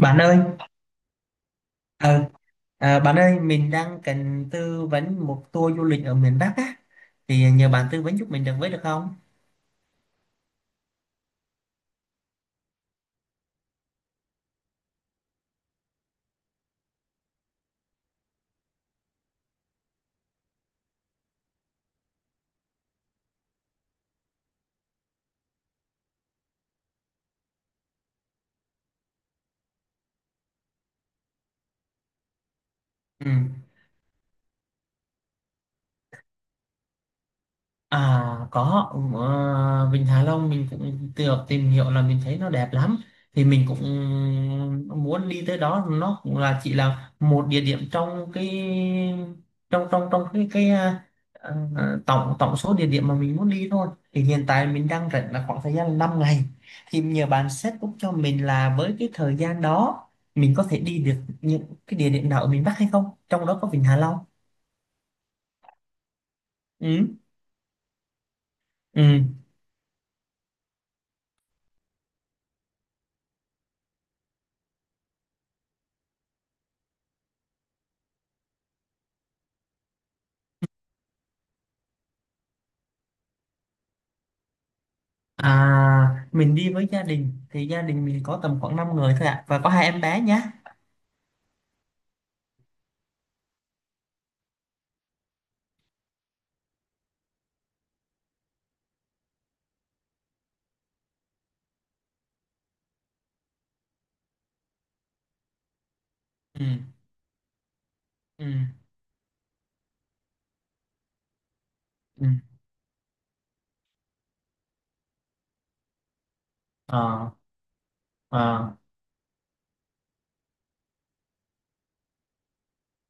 Bạn ơi, ờ, bạn ơi, mình đang cần tư vấn một tour du lịch ở miền Bắc á, thì nhờ bạn tư vấn giúp mình được với được không? Ừ. À có, Vịnh Hạ Long mình cũng được tìm hiểu là mình thấy nó đẹp lắm, thì mình cũng muốn đi tới đó. Nó cũng là chỉ là một địa điểm trong cái trong trong trong cái tổng tổng số địa điểm mà mình muốn đi thôi. Thì hiện tại mình đang rảnh là khoảng thời gian 5 ngày, thì nhờ bạn set up cho mình là với cái thời gian đó mình có thể đi được những cái địa điểm nào ở miền Bắc hay không, trong đó có Vịnh Hạ Long. Ừ. Ừ. À, mình đi với gia đình thì gia đình mình có tầm khoảng 5 người thôi ạ, và có hai em bé nhá. Ừ. Ừ. Ừ. Ờ. Ờ.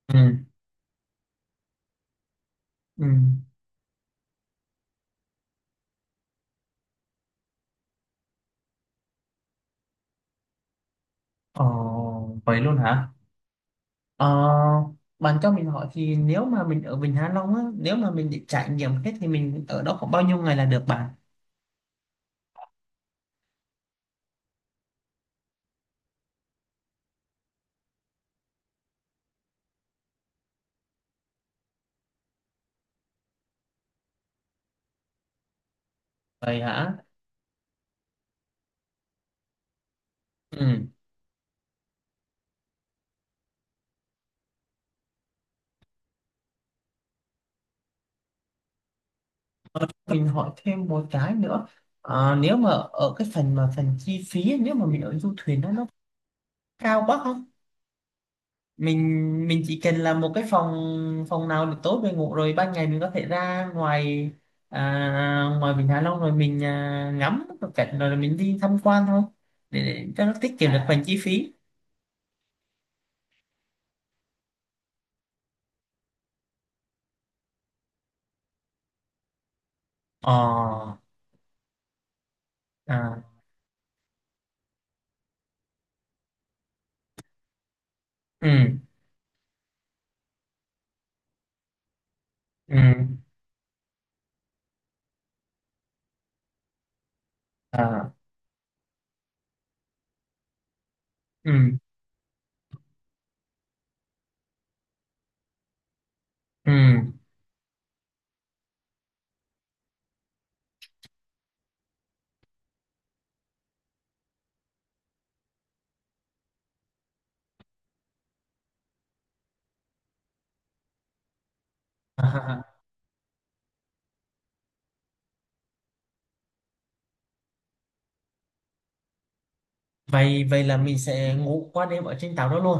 Ừ. Ừ. Ờ. Vậy luôn hả? Ờ. Bạn cho mình hỏi thì nếu mà mình ở Vịnh Hạ Long á, nếu mà mình định trải nghiệm hết thì mình ở đó khoảng bao nhiêu ngày là được bạn? Vậy hả? Ừ. Mình hỏi thêm một cái nữa. Ờ, nếu mà ở cái phần mà phần chi phí nếu mà mình ở du thuyền đó nó cao quá không? Mình chỉ cần là một cái phòng, phòng nào được tốt về ngủ, rồi ban ngày mình có thể ra ngoài, ngoài Vịnh Hạ Long, rồi mình ngắm một cảnh rồi mình đi tham quan thôi, để cho nó tiết kiệm được phần chi phí. Ờ. À. Ừ. Ừ. À. Ừ. Ừ. à, vậy vậy là mình sẽ ngủ qua đêm ở trên tàu đó luôn.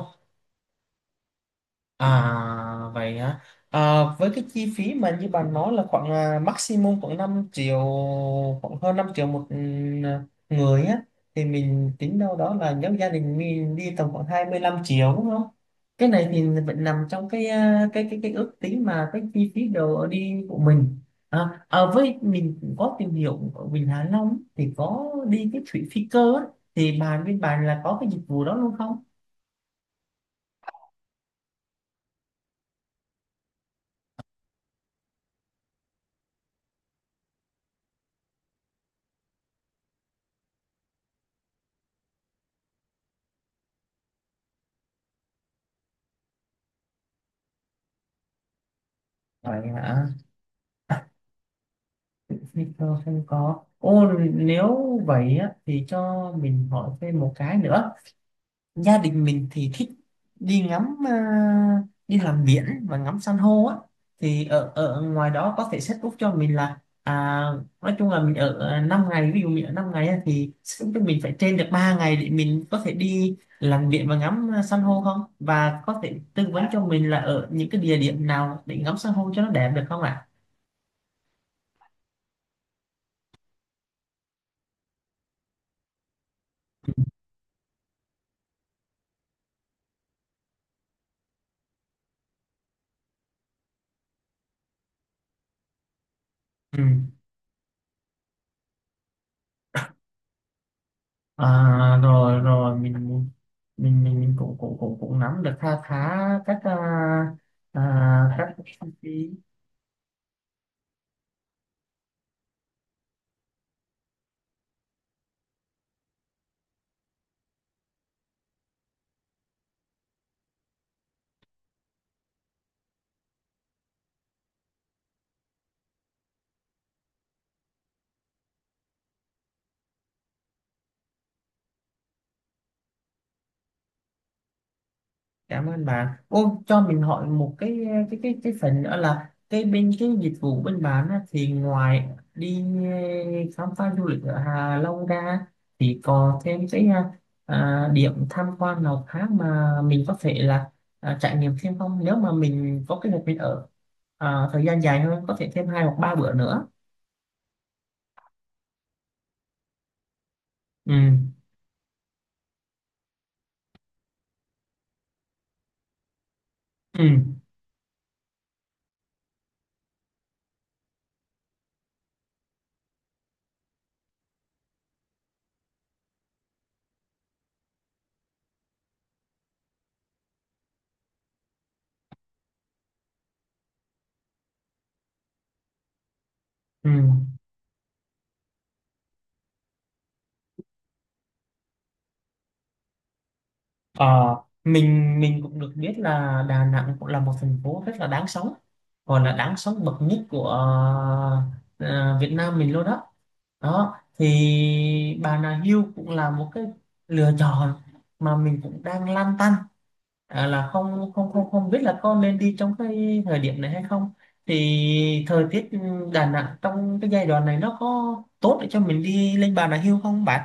À vậy hả? À, với cái chi phí mà như bạn nói là khoảng maximum khoảng 5 triệu, khoảng hơn 5 triệu một người á, thì mình tính đâu đó là nếu gia đình mình đi tầm khoảng 25 triệu, đúng không? Cái này thì vẫn nằm trong cái ước tính mà cái chi phí đồ ở đi của mình. Với mình cũng có tìm hiểu ở Vịnh Hạ Long thì có đi cái thủy phi cơ á, thì bên bạn là có cái dịch vụ đó luôn không? Vậy hả? Victor không có ô nếu vậy á, thì cho mình hỏi thêm một cái nữa. Gia đình mình thì thích đi ngắm, đi làm biển và ngắm san hô á, thì ở ở ngoài đó có thể set up cho mình là, nói chung là mình ở 5 ngày, ví dụ mình ở 5 ngày á, thì set up cho mình phải trên được 3 ngày để mình có thể đi làm biển và ngắm san hô không, và có thể tư vấn cho mình là ở những cái địa điểm nào để ngắm san hô cho nó đẹp được không ạ? Ừ. À, rồi rồi mình cũng cũng cũng cũng nắm được kha khá các các chi phí. Cảm ơn bạn. Ô cho mình hỏi một cái phần nữa là cái bên cái dịch vụ bên bạn á, thì ngoài đi khám phá du lịch ở Hạ Long ra thì còn thêm cái điểm tham quan nào khác mà mình có thể là trải nghiệm thêm không, nếu mà mình có kế hoạch mình ở thời gian dài hơn có thể thêm 2 hoặc 3 bữa nữa. Ừ. Ừ. Ừ. Ờ, mình cũng được biết là Đà Nẵng cũng là một thành phố rất là đáng sống, còn là đáng sống bậc nhất của ờ, Việt Nam mình luôn đó. Đó thì Bà Nà Hills cũng là một cái lựa chọn mà mình cũng đang lăn tăn, là không không không không biết là có nên đi trong cái thời điểm này hay không, thì thời tiết Đà Nẵng trong cái giai đoạn này nó có tốt để cho mình đi lên Bà Nà Hills không bạn?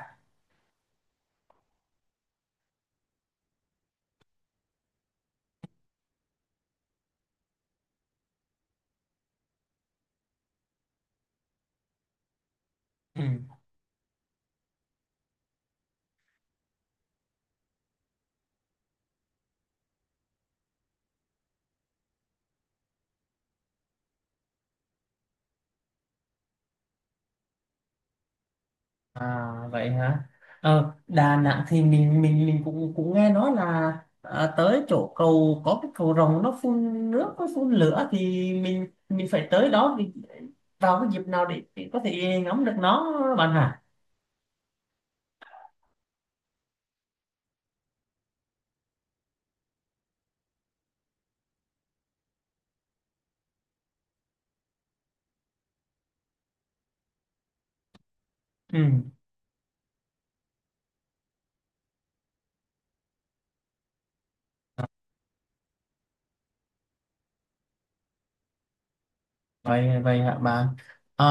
Ừ. À vậy hả? Ờ, Đà Nẵng thì mình cũng cũng nghe nói là, tới chỗ cầu có cái cầu rồng nó phun nước nó phun lửa thì mình phải tới đó, thì vào cái dịp nào để có thể ngắm được nó bạn hả? Ừ. vậy vậy hả bạn? à,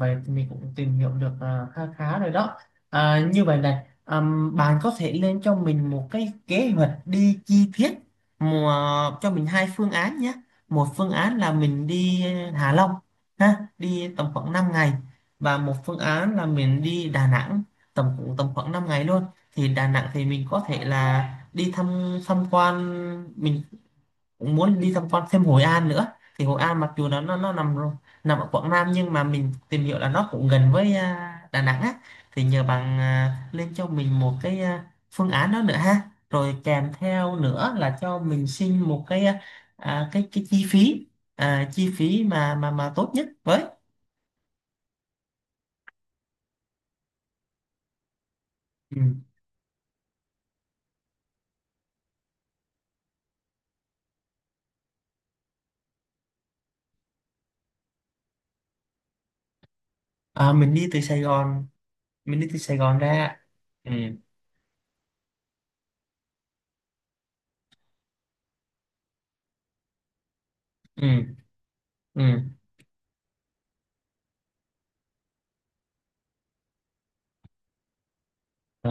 Vậy thì mình cũng tìm hiểu được khá khá rồi đó. Như vậy này, bạn có thể lên cho mình một cái kế hoạch đi chi tiết mùa cho mình hai phương án nhé. Một phương án là mình đi Hạ Long ha, đi tầm khoảng 5 ngày, và một phương án là mình đi Đà Nẵng, tầm khoảng 5 ngày luôn. Thì Đà Nẵng thì mình có thể là đi tham quan. Mình cũng muốn đi tham quan thêm Hội An nữa, thì Hội An mặc dù nó nằm ở Quảng Nam, nhưng mà mình tìm hiểu là nó cũng gần với Đà Nẵng á, thì nhờ bạn lên cho mình một cái phương án đó nữa ha. Rồi kèm theo nữa là cho mình xin một cái, cái chi phí, chi phí mà tốt nhất với. Ừ. à, mình đi từ Sài Gòn mình đi từ Sài Gòn ra. Ừ. Ừ. Ừ. Ừ.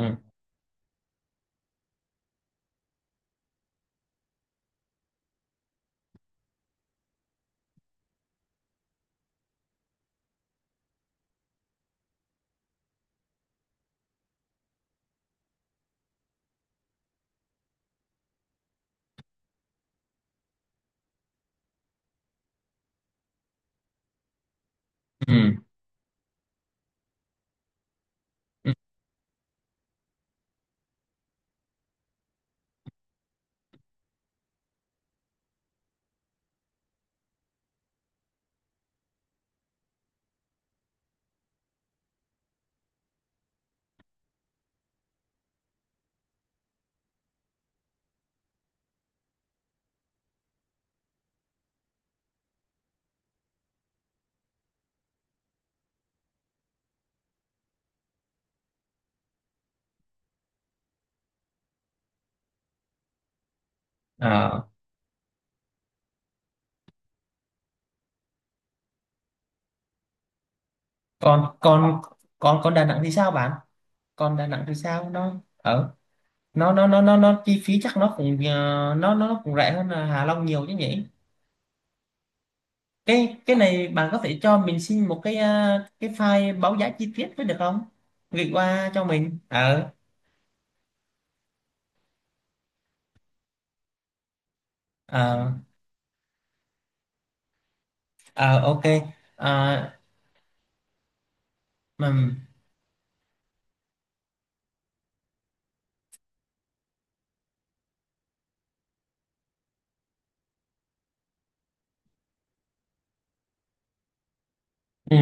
Ừ, ừ. Ờ, còn còn còn còn Đà Nẵng thì sao bạn? Còn Đà Nẵng thì sao, nó ở nó chi phí chắc nó cũng nó cũng rẻ hơn là Hạ Long nhiều chứ nhỉ? Cái này bạn có thể cho mình xin một cái file báo giá chi tiết với được không? Gửi qua cho mình. Ờ. Ờ. Ờ. OK. Ờ. Ừm. Ừ.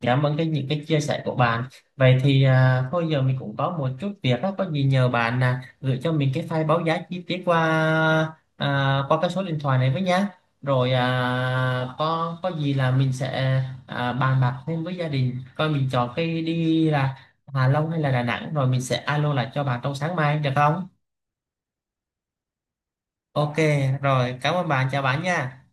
Cảm ơn cái những cái chia sẻ của bạn. Vậy thì thôi giờ mình cũng có một chút việc đó, có gì nhờ bạn gửi cho mình cái file báo giá chi tiết qua, qua cái số điện thoại này với nhá. Rồi có gì là mình sẽ bàn bạc thêm với gia đình coi mình chọn cái đi là Hà Long hay là Đà Nẵng, rồi mình sẽ alo lại cho bạn trong sáng mai được không? OK, rồi cảm ơn bạn, chào bạn nha.